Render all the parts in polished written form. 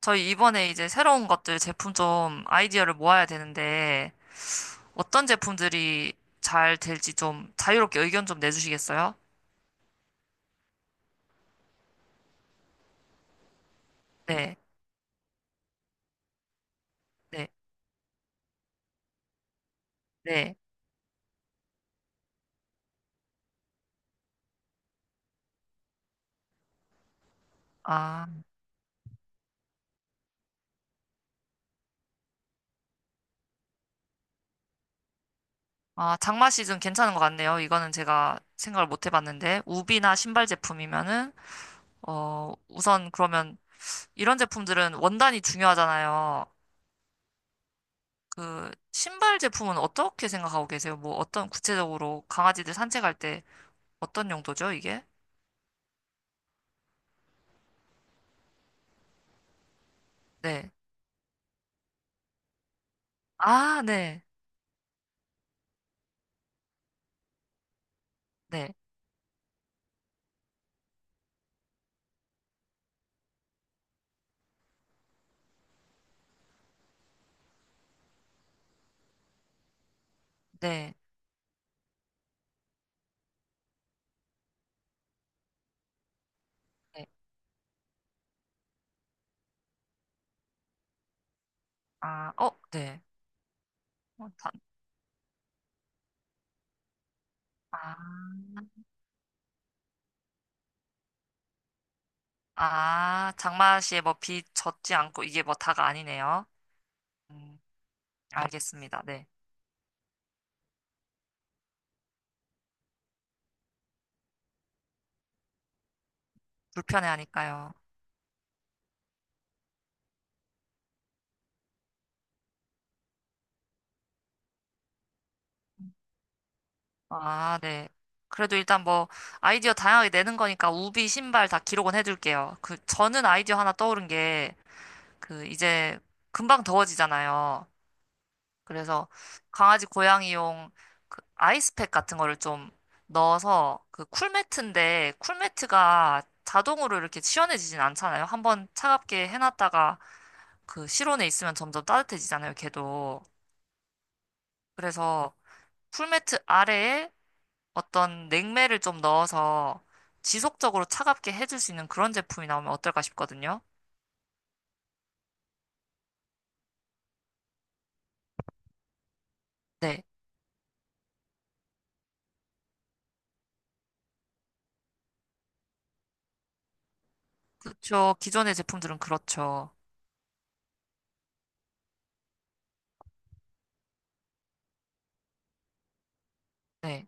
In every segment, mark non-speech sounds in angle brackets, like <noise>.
저희 이번에 이제 새로운 것들 제품 좀 아이디어를 모아야 되는데 어떤 제품들이 잘 될지 좀 자유롭게 의견 좀 내주시겠어요? 네, 네, 네. 아, 아, 장마 시즌 괜찮은 것 같네요. 이거는 제가 생각을 못 해봤는데 우비나 신발 제품이면은 우선 그러면 이런 제품들은 원단이 중요하잖아요. 그 신발 제품은 어떻게 생각하고 계세요? 뭐 어떤 구체적으로 강아지들 산책할 때 어떤 용도죠, 이게? 네. 아, 네. 네. 네. 네. 아, 어, 네. 어, 다- 아, 아, 장맛이 뭐비 젖지 않고 이게 뭐 다가 아니네요. 음, 알겠습니다. 네. 불편해하니까요. 아, 네. 그래도 일단 뭐 아이디어 다양하게 내는 거니까 우비 신발 다 기록은 해둘게요. 그 저는 아이디어 하나 떠오른 게 그 이제 금방 더워지잖아요. 그래서 강아지 고양이용 그 아이스팩 같은 거를 좀 넣어서 그 쿨매트인데 쿨매트가 자동으로 이렇게 시원해지진 않잖아요. 한번 차갑게 해놨다가 그 실온에 있으면 점점 따뜻해지잖아요, 걔도. 그래서 쿨매트 아래에 어떤 냉매를 좀 넣어서 지속적으로 차갑게 해줄 수 있는 그런 제품이 나오면 어떨까 싶거든요. 네, 그렇죠. 기존의 제품들은 그렇죠. 네,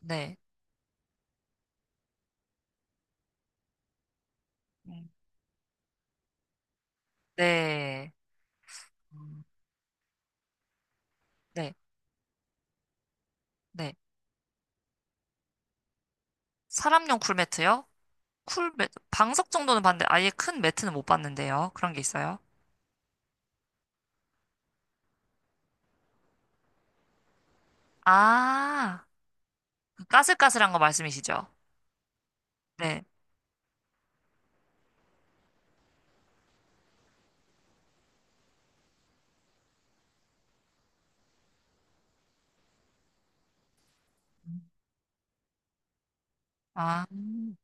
네, 음, 네, 음, 네, 네. 사람용 쿨매트요? 쿨매트, 방석 정도는 봤는데 아예 큰 매트는 못 봤는데요. 그런 게 있어요? 아, 그 까슬까슬한 거 말씀이시죠? 네. 아,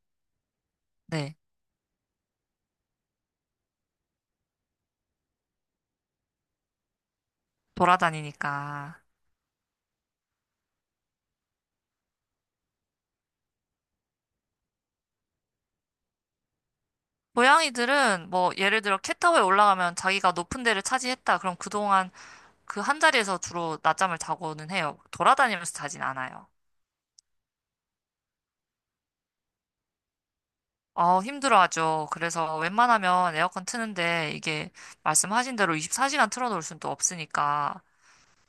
네. 돌아다니니까. 고양이들은 뭐 예를 들어 캣타워에 올라가면 자기가 높은 데를 차지했다. 그럼 그동안 그 한 자리에서 주로 낮잠을 자고는 해요. 돌아다니면서 자진 않아요. 어, 힘들어하죠. 그래서 웬만하면 에어컨 트는데 이게 말씀하신 대로 24시간 틀어놓을 수는 또 없으니까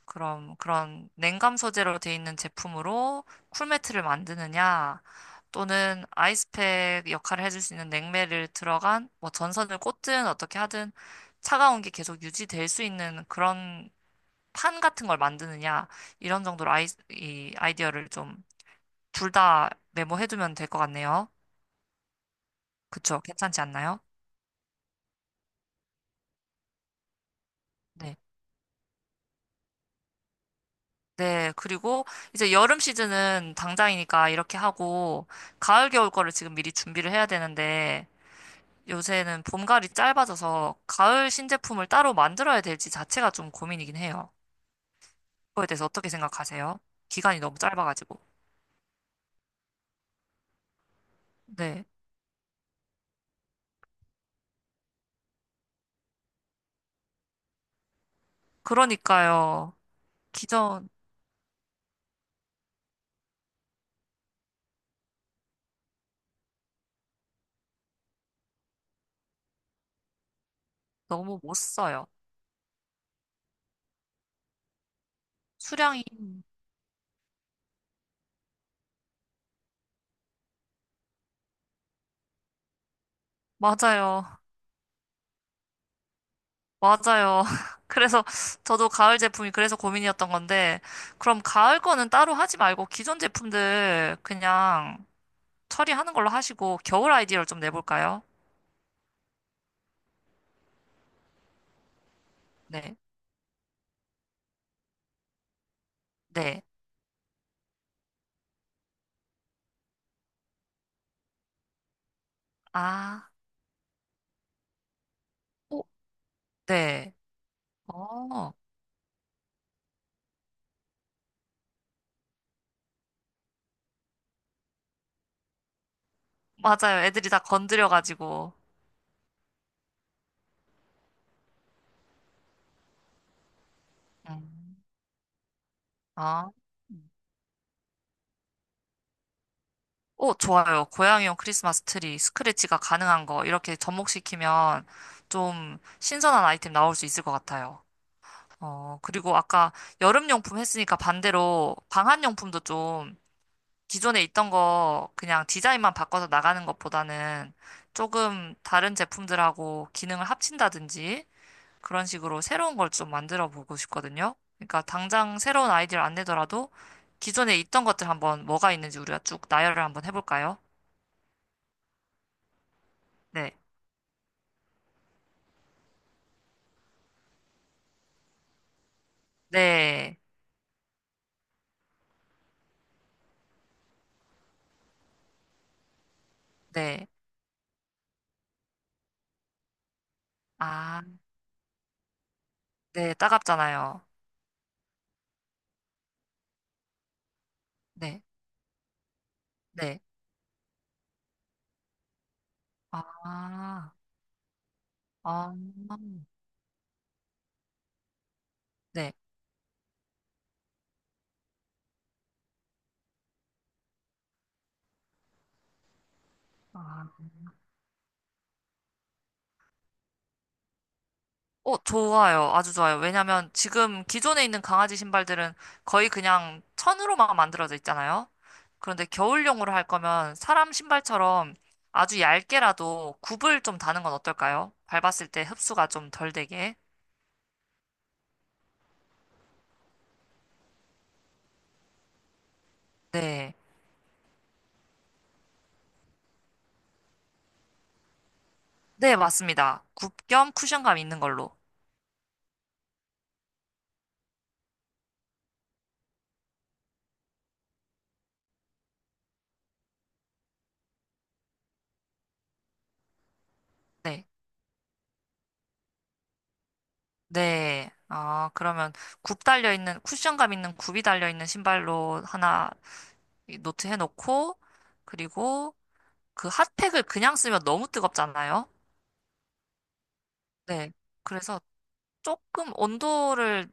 그럼 그런 냉감 소재로 돼 있는 제품으로 쿨매트를 만드느냐, 또는 아이스팩 역할을 해줄 수 있는 냉매를 들어간 뭐 전선을 꽂든 어떻게 하든 차가운 게 계속 유지될 수 있는 그런 판 같은 걸 만드느냐, 이런 정도로 이 아이디어를 좀 둘 다 메모해두면 될 것 같네요. 그쵸? 괜찮지 않나요? 네. 네, 그리고 이제 여름 시즌은 당장이니까 이렇게 하고, 가을, 겨울 거를 지금 미리 준비를 해야 되는데, 요새는 봄가을이 짧아져서 가을 신제품을 따로 만들어야 될지 자체가 좀 고민이긴 해요. 그거에 대해서 어떻게 생각하세요? 기간이 너무 짧아가지고. 네. 그러니까요. 기존 너무 못 써요. 수량이. 맞아요. 맞아요. <laughs> 그래서 저도 가을 제품이 그래서 고민이었던 건데, 그럼 가을 거는 따로 하지 말고 기존 제품들 그냥 처리하는 걸로 하시고 겨울 아이디어를 좀 내볼까요? 네. 네. 아. 오. 네. 어. 맞아요. 애들이 다 건드려가지고. 음. 아. 음. 오, 좋아요. 고양이용 크리스마스 트리, 스크래치가 가능한 거, 이렇게 접목시키면 좀 신선한 아이템 나올 수 있을 것 같아요. 어, 그리고 아까 여름용품 했으니까 반대로 방한용품도 좀 기존에 있던 거 그냥 디자인만 바꿔서 나가는 것보다는 조금 다른 제품들하고 기능을 합친다든지 그런 식으로 새로운 걸 좀 만들어 보고 싶거든요. 그러니까 당장 새로운 아이디어를 안 내더라도 기존에 있던 것들 한번 뭐가 있는지 우리가 쭉 나열을 한번 해볼까요? 네. 네. 네. 아, 네. 따갑잖아요. 네. 네. 아, 아, 네. 아, 어, 좋아요. 아주 좋아요. 왜냐면 지금 기존에 있는 강아지 신발들은 거의 그냥 천으로만 만들어져 있잖아요. 그런데 겨울용으로 할 거면 사람 신발처럼 아주 얇게라도 굽을 좀 다는 건 어떨까요? 밟았을 때 흡수가 좀 덜 되게. 네. 네, 맞습니다. 굽 겸 쿠션감 있는 걸로. 네. 네. 아, 그러면 굽 달려 있는, 쿠션감 있는 굽이 달려 있는 신발로 하나 노트 해놓고, 그리고 그 핫팩을 그냥 쓰면 너무 뜨겁잖아요. 네. 그래서 조금 온도를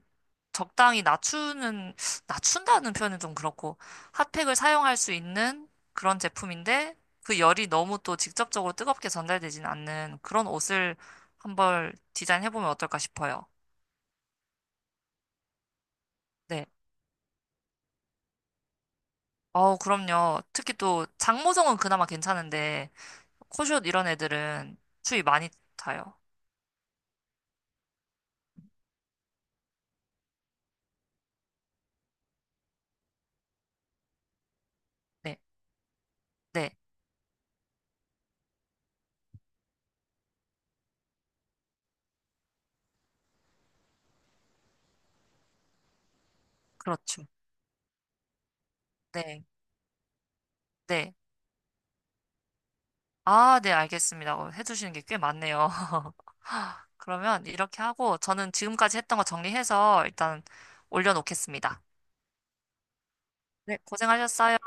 적당히 낮추는, 낮춘다는 표현은 좀 그렇고, 핫팩을 사용할 수 있는 그런 제품인데, 그 열이 너무 또 직접적으로 뜨겁게 전달되진 않는 그런 옷을 한번 디자인해보면 어떨까 싶어요. 네. 어우, 그럼요. 특히 또 장모성은 그나마 괜찮은데, 코숏 이런 애들은 추위 많이 타요. 네. 네. 그렇죠. 네. 네. 아, 네, 알겠습니다. 어, 해주시는 게 꽤 많네요. <laughs> 그러면 이렇게 하고 저는 지금까지 했던 거 정리해서 일단 올려놓겠습니다. 네, 고생하셨어요.